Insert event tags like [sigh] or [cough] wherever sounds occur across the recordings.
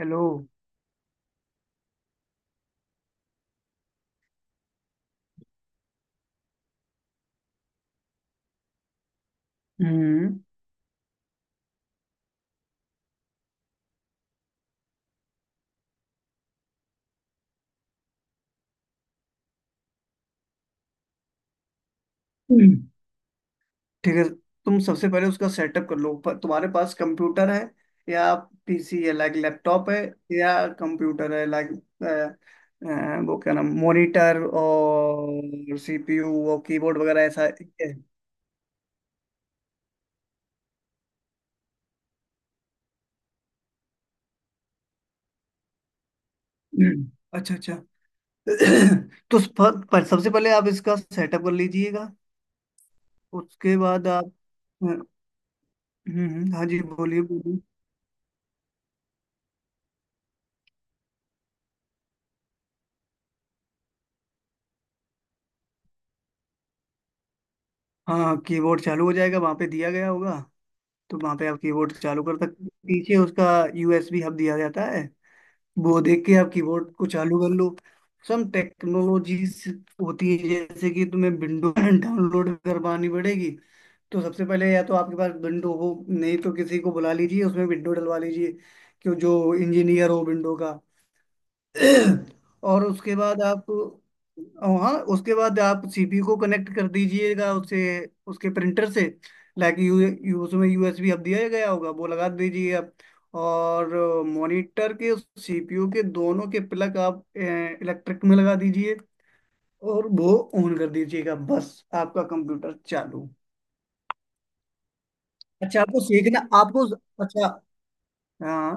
Hello. हम्म। हम्म। ठीक है। तुम सबसे पहले उसका सेटअप कर लो। तुम्हारे पास कंप्यूटर है या पीसी है, लाइक लैपटॉप है, या कंप्यूटर है, लाइक वो क्या नाम, मॉनिटर और सीपीयू और कीबोर्ड वगैरह ऐसा है? हम्म। अच्छा, अच्छा। [clears throat] तो पर सबसे पहले आप इसका सेटअप कर लीजिएगा। उसके बाद आप। हम्म। हाँ जी, बोलिए बोलिए। हाँ, कीबोर्ड चालू हो जाएगा, वहां पे दिया गया होगा। तो वहां पे आप कीबोर्ड चालू कर सकते हो। पीछे उसका यूएसबी हब दिया जाता है, वो देख के आप कीबोर्ड को चालू कर लो। सम टेक्नोलॉजीज होती है, जैसे कि तुम्हें विंडो डाउनलोड [laughs] करवानी पड़ेगी। तो सबसे पहले या तो आपके पास विंडो हो, नहीं तो किसी को बुला लीजिए, उसमें विंडो डलवा लीजिए, कि जो इंजीनियर हो विंडो का। और उसके बाद आप हाँ, उसके बाद आप सीपीयू को कनेक्ट कर दीजिएगा उससे, उसके प्रिंटर से। लाइक यू उसमें यूएसबी हब दिया गया होगा, वो लगा दीजिए आप। और मॉनिटर के, सीपीयू के, दोनों के प्लग आप इलेक्ट्रिक में लगा दीजिए और वो ऑन कर दीजिएगा। बस आपका कंप्यूटर चालू। अच्छा, आपको सीखना? आपको? अच्छा। हाँ।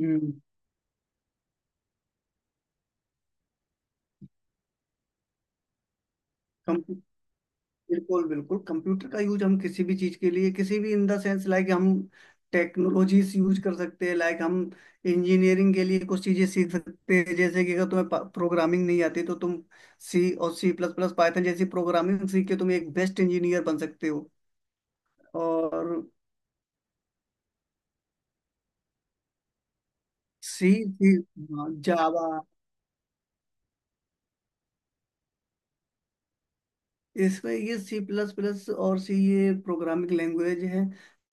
हम्म। बिल्कुल, बिल्कुल, कंप्यूटर का यूज हम किसी भी चीज के लिए, किसी भी, इन द सेंस, लाइक हम टेक्नोलॉजीज यूज कर सकते हैं। लाइक हम इंजीनियरिंग के लिए कुछ चीजें सीख सकते हैं, जैसे कि अगर तुम्हें प्रोग्रामिंग नहीं आती तो तुम सी और सी प्लस प्लस, पाइथन जैसी प्रोग्रामिंग सीख के तुम एक बेस्ट इंजीनियर बन सकते हो। और सी, सी। हाँ, जावा। इसमें ये सी प्लस प्लस और सी, ये प्रोग्रामिंग लैंग्वेज है,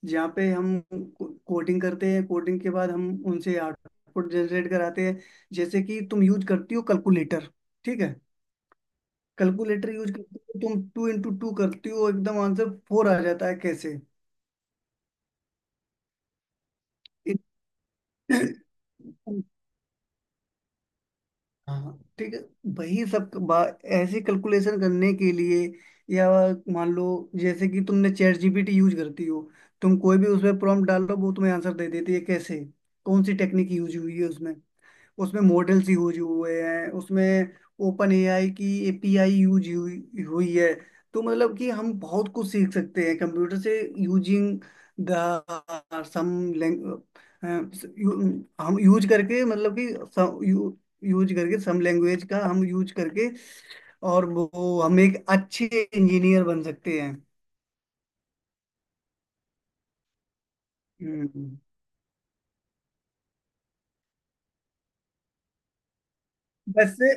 जहाँ पे हम कोडिंग करते हैं। कोडिंग के बाद हम उनसे आउटपुट जनरेट कराते हैं। जैसे कि तुम यूज करती हो कैलकुलेटर, ठीक है? कैलकुलेटर यूज करती हो तुम, टू इंटू टू करती हो, एकदम आंसर फोर आ जाता है। कैसे? [clears throat] हाँ, ठीक है। वही सब ऐसे कैलकुलेशन करने के लिए, या मान लो, जैसे कि तुमने चैट जीपीटी यूज करती हो। तुम कोई भी उसमें प्रॉम्प्ट डालो, वो तुम्हें आंसर दे देती है। कैसे? कौन सी टेक्निक यूज हुई है उसमें उसमें मॉडल्स यूज हुए हैं। उसमें ओपन एआई की एपीआई यूज हुई हुई है। तो मतलब कि हम बहुत कुछ सीख सकते हैं कंप्यूटर से, यूजिंग द सम, हम यूज करके, मतलब कि सम, यू, यूज करके, सम लैंग्वेज का हम यूज करके, और वो, हम एक अच्छे इंजीनियर बन सकते हैं। हम्म। वैसे,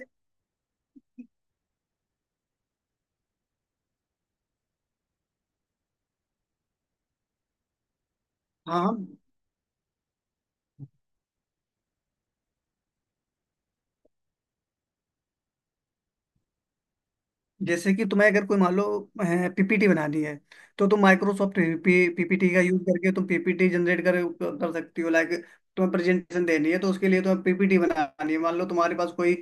हाँ। जैसे कि तुम्हें अगर कोई, मान लो, पीपीटी बनानी है, तो तुम माइक्रोसॉफ्ट पीपीटी का यूज करके तुम पीपीटी जनरेट कर कर सकती हो। लाइक, तुम्हें प्रेजेंटेशन देनी है, तो उसके लिए तुम्हें पीपीटी बनानी है। मान लो तुम्हारे पास कोई,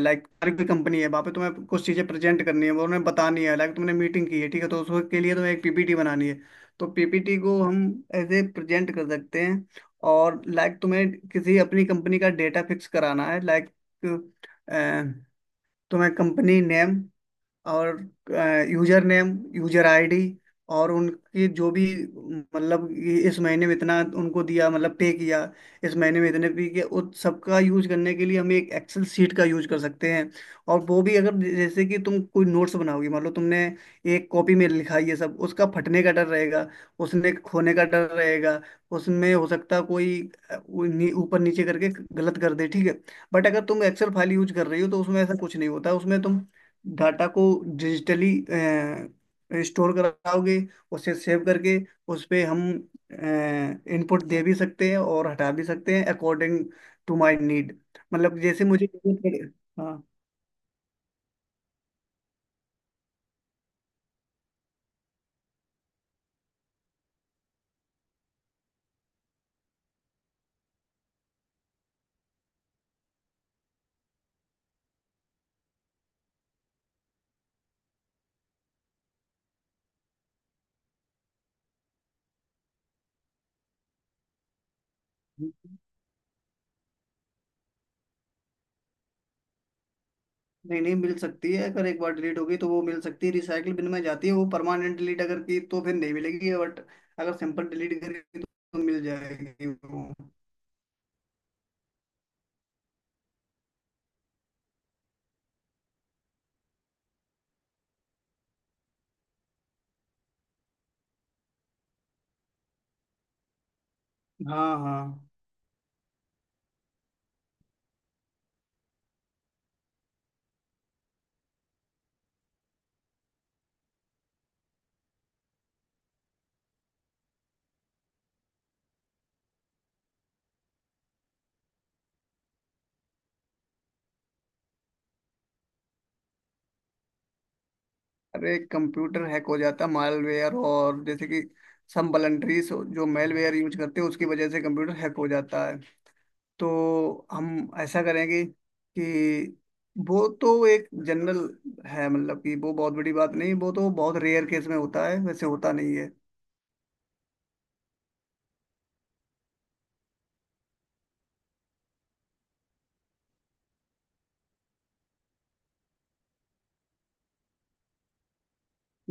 लाइक, तुम्हारी कोई कंपनी है, वहाँ पे तुम्हें कुछ चीज़ें प्रेजेंट करनी है, वो उन्हें बतानी है, लाइक तुमने मीटिंग की है, ठीक है, तो उसके लिए तुम्हें एक पीपीटी बनानी है। तो पीपीटी को हम एज ए प्रेजेंट कर सकते हैं। और लाइक तुम्हें किसी अपनी कंपनी का डेटा फिक्स कराना है, लाइक तुम्हें कंपनी नेम और यूजर नेम, यूजर आईडी, और उनकी जो भी, मतलब ये इस महीने में इतना उनको दिया, मतलब पे किया, इस महीने में इतने पे किया, उस सबका यूज करने के लिए हम एक एक्सेल शीट का यूज कर सकते हैं। और वो भी, अगर, जैसे कि तुम कोई नोट्स बनाओगी, मान लो तुमने एक कॉपी में लिखा ये सब, उसका फटने का डर रहेगा, उसने खोने का डर रहेगा। उसमें हो सकता है कोई, वो ऊपर नीचे करके गलत कर दे, ठीक है? बट अगर तुम एक्सेल फाइल यूज कर रही हो तो उसमें ऐसा कुछ नहीं होता। उसमें तुम डाटा को डिजिटली स्टोर कराओगे, उसे सेव करके, उस पे हम इनपुट दे भी सकते हैं और हटा भी सकते हैं, अकॉर्डिंग टू माय नीड। मतलब जैसे मुझे जरूरत पड़े। हाँ। नहीं, नहीं मिल सकती है। अगर एक बार डिलीट हो गई तो वो मिल सकती है, रिसाइकिल बिन में जाती है वो। परमानेंट डिलीट अगर की तो फिर नहीं मिलेगी, बट अगर सिंपल डिलीट करेगी तो मिल जाएगी वो। हाँ, हाँ। अरे कंप्यूटर हैक हो जाता मालवेयर, और जैसे कि सम वलनटरीज जो मेलवेयर यूज करते हैं, उसकी वजह से कंप्यूटर हैक हो जाता है। तो हम ऐसा करेंगे कि वो तो एक जनरल है, मतलब कि वो बहुत बड़ी बात नहीं, वो तो बहुत रेयर केस में होता है, वैसे होता नहीं है।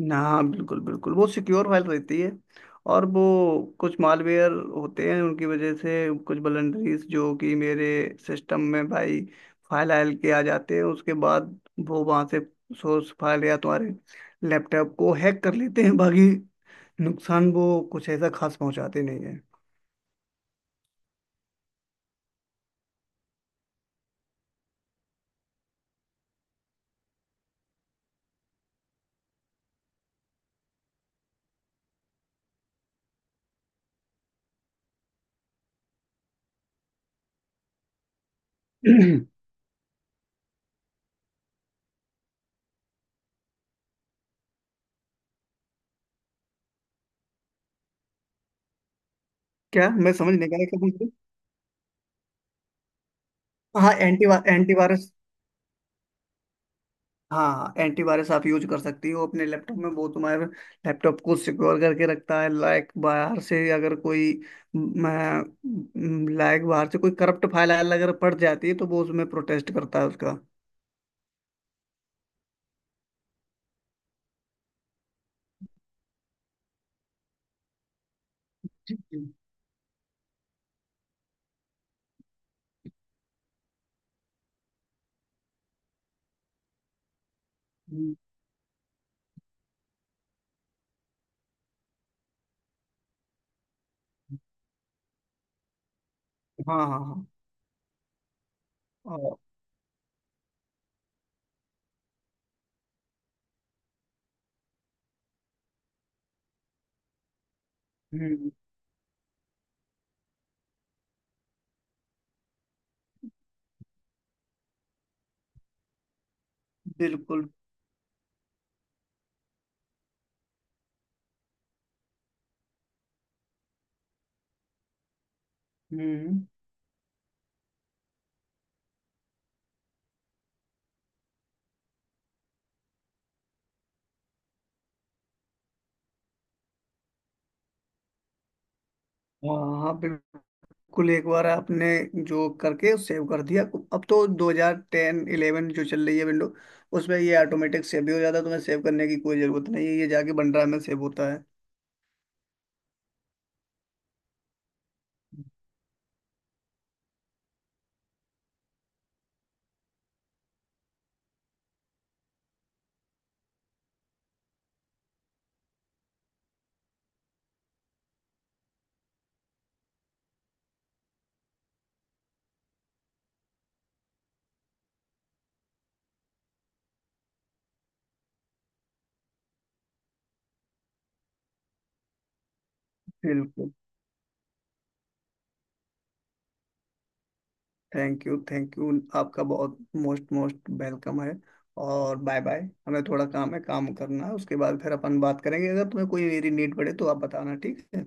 ना, बिल्कुल, बिल्कुल, वो सिक्योर फाइल रहती है। और वो, कुछ मालवेयर होते हैं, उनकी वजह से कुछ वलनरीज जो कि मेरे सिस्टम में भाई फाइल आयल के आ जाते हैं, उसके बाद वो वहाँ से सोर्स फाइल या तुम्हारे लैपटॉप को हैक कर लेते हैं। बाकी नुकसान वो कुछ ऐसा खास पहुँचाते नहीं है। [clears throat] क्या, मैं समझ नहीं पाया क्या पूछ रहे हो? हाँ, एंटीवायरस। हाँ, एंटीवायरस आप यूज कर सकती हो अपने लैपटॉप में, वो तुम्हारे लैपटॉप को सिक्योर करके रखता है। लाइक बाहर से अगर कोई, लाइक बाहर से कोई करप्ट फाइल अगर पड़ जाती है, तो वो उसमें प्रोटेस्ट करता है उसका। हम्म, हम्म, हाँ, हाँ, हाँ। और- हम्म। बिल्कुल। हम्म। हाँ, हाँ, बिल्कुल। कुल एक बार आपने जो करके सेव कर दिया, अब तो 2010 11 जो चल रही है विंडो, उसमें ये ऑटोमेटिक सेव भी हो जाता है। तुम्हें सेव करने की कोई जरूरत नहीं है, ये जाके बन ड्राइव में सेव होता है। बिल्कुल। Thank you, thank you. आपका बहुत मोस्ट मोस्ट वेलकम है। और बाय बाय, हमें थोड़ा काम है, काम करना है, उसके बाद फिर अपन बात करेंगे। अगर तुम्हें कोई मेरी नीड पड़े तो आप बताना। ठीक है।